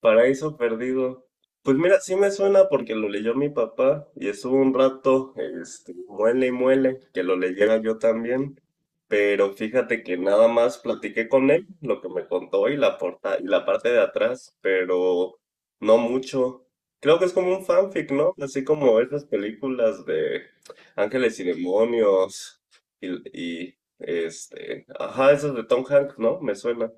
Paraíso Perdido. Pues mira, sí me suena porque lo leyó mi papá y estuvo un rato, muele y muele, que lo leyera yo también. Pero fíjate que nada más platiqué con él, lo que me contó y la porta, y la parte de atrás, pero no mucho. Creo que es como un fanfic, ¿no? Así como esas películas de Ángeles y Demonios y, ajá, esas de Tom Hanks, ¿no? Me suena.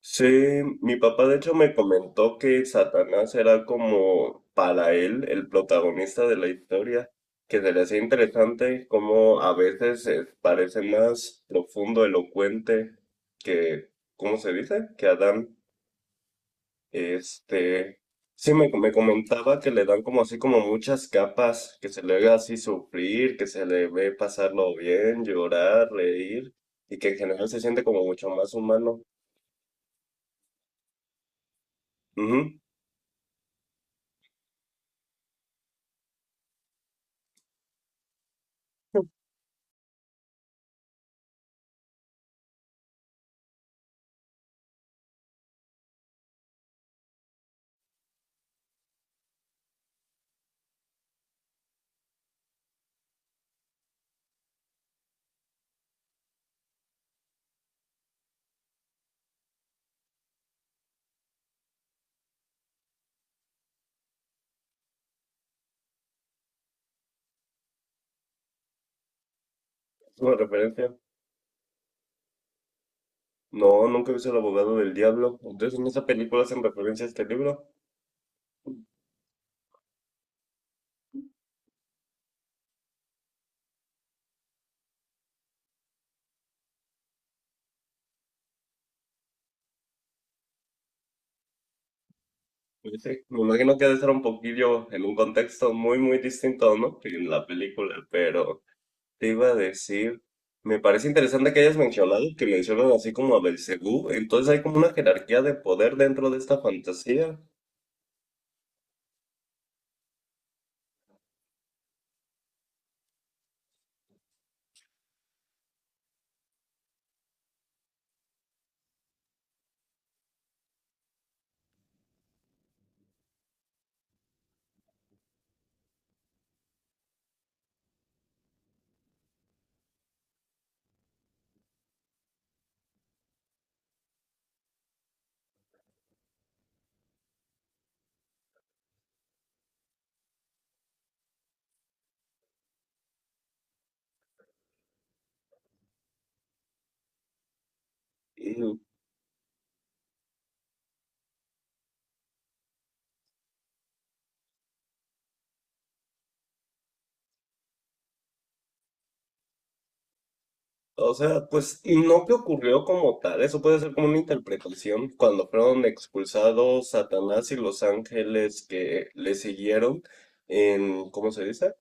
Sí, mi papá de hecho me comentó que Satanás era como para él el protagonista de la historia, que se le hacía interesante cómo a veces parece más profundo, elocuente que, ¿cómo se dice? Que Adán. Este, sí, me comentaba que le dan como así como muchas capas, que se le ve así sufrir, que se le ve pasarlo bien, llorar, reír, y que en general se siente como mucho más humano. Ujú, es una referencia. No, nunca he visto El abogado del diablo. Entonces, ¿en esa película hacen referencia a este libro? Pues sí, me imagino que debe ser un poquillo en un contexto muy, muy distinto, ¿no? Que en la película, pero te iba a decir, me parece interesante que hayas mencionado que mencionan así como a Belcebú, entonces hay como una jerarquía de poder dentro de esta fantasía. O sea, pues, y no que ocurrió como tal, eso puede ser como una interpretación. Cuando fueron expulsados Satanás y los ángeles que le siguieron en, ¿cómo se dice?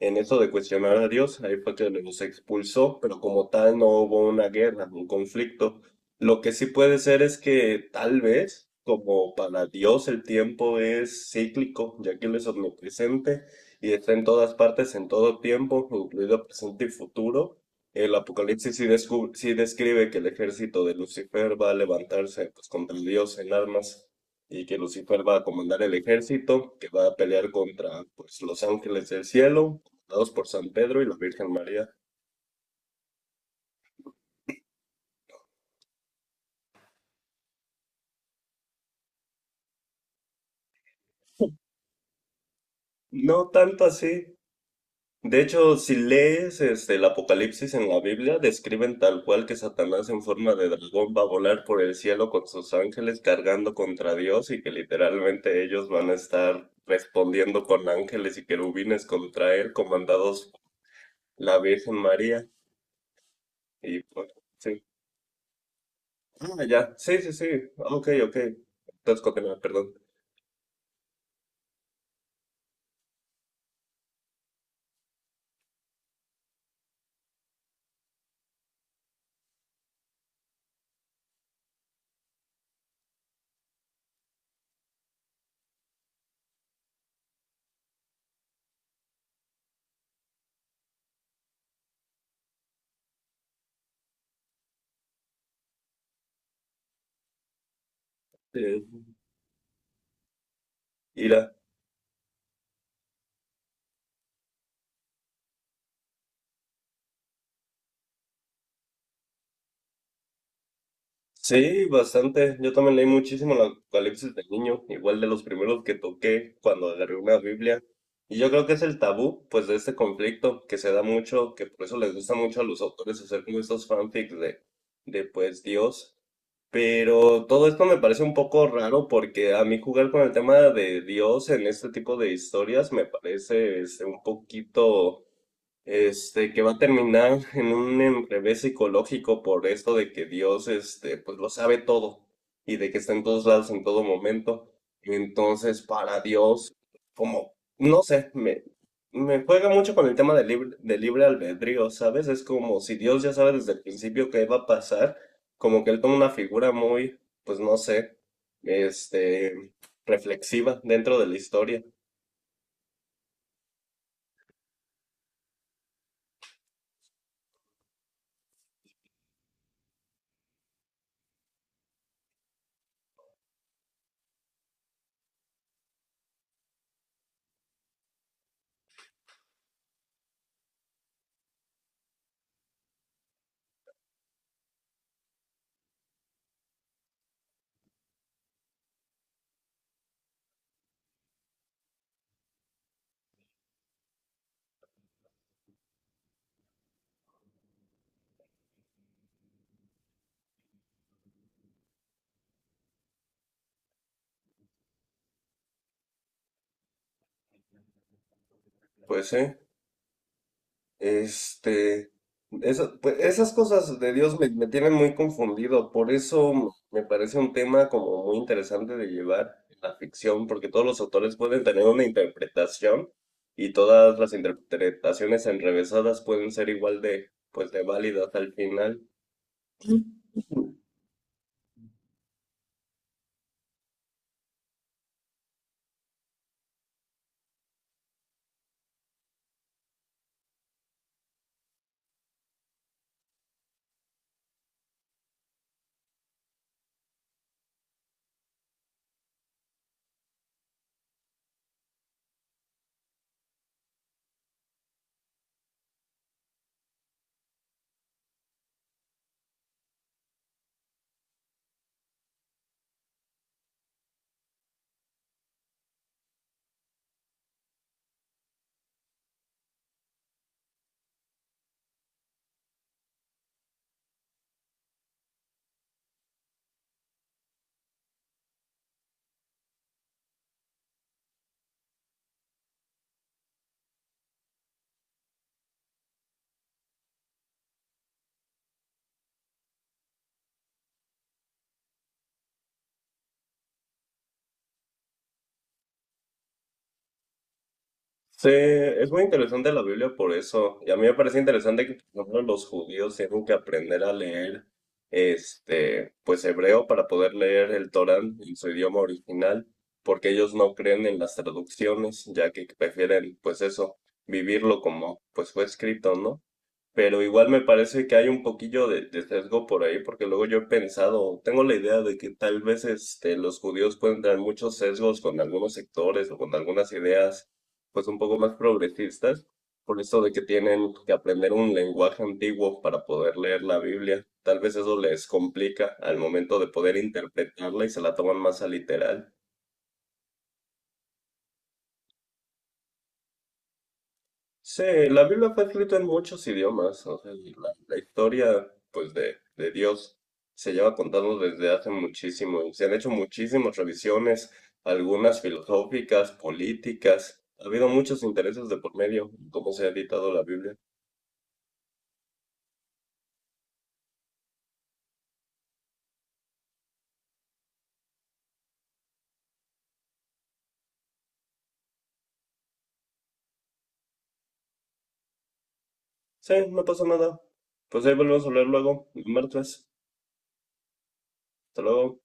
En eso de cuestionar a Dios, ahí fue que los expulsó, pero como tal no hubo una guerra, un conflicto. Lo que sí puede ser es que tal vez, como para Dios el tiempo es cíclico, ya que Él es omnipresente y está en todas partes, en todo tiempo, incluido presente y futuro. El Apocalipsis sí, sí describe que el ejército de Lucifer va a levantarse pues, contra Dios en armas y que Lucifer va a comandar el ejército que va a pelear contra pues, los ángeles del cielo, comandados por San Pedro y la Virgen María. No tanto así. De hecho, si lees el Apocalipsis en la Biblia, describen tal cual que Satanás en forma de dragón va a volar por el cielo con sus ángeles cargando contra Dios y que literalmente ellos van a estar respondiendo con ángeles y querubines contra él, comandados por la Virgen María. Y pues, sí. Ah, ya. Sí, sí, sí. Ok, ok. Entonces, continúa, perdón. Eh, Sí, bastante. Yo también leí muchísimo el Apocalipsis de niño, igual de los primeros que toqué cuando agarré una Biblia. Y yo creo que es el tabú, pues, de este conflicto que se da mucho, que por eso les gusta mucho a los autores hacer como estos fanfics de pues, Dios. Pero todo esto me parece un poco raro porque a mí jugar con el tema de Dios en este tipo de historias me parece un poquito que va a terminar en un enrevés psicológico por esto de que Dios, pues lo sabe todo y de que está en todos lados en todo momento. Entonces, para Dios, como, no sé, me juega mucho con el tema del libre albedrío, ¿sabes? Es como si Dios ya sabe desde el principio qué va a pasar, como que él toma una figura muy, pues no sé, este, reflexiva dentro de la historia. Pues sí. Este, pues, esas cosas de Dios me tienen muy confundido, por eso me parece un tema como muy interesante de llevar en la ficción, porque todos los autores pueden tener una interpretación y todas las interpretaciones enrevesadas pueden ser igual de, pues, de válidas al final. Sí, es muy interesante la Biblia por eso. Y a mí me parece interesante que, por ejemplo, los judíos tienen que aprender a leer, pues hebreo para poder leer el Torán en su idioma original, porque ellos no creen en las traducciones, ya que prefieren, pues eso, vivirlo como, pues fue escrito, ¿no? Pero igual me parece que hay un poquillo de sesgo por ahí, porque luego yo he pensado, tengo la idea de que tal vez los judíos pueden tener muchos sesgos con algunos sectores o con algunas ideas, pues un poco más progresistas, por eso de que tienen que aprender un lenguaje antiguo para poder leer la Biblia. Tal vez eso les complica al momento de poder interpretarla y se la toman más a literal. Sí, la Biblia fue escrita en muchos idiomas, o sea, y la historia, pues, de Dios se lleva contando desde hace muchísimo, y se han hecho muchísimas revisiones, algunas filosóficas, políticas, ha habido muchos intereses de por medio, en cómo se ha editado la Biblia. Sí, no pasa nada. Pues ahí volvemos a hablar luego, el martes. Hasta luego.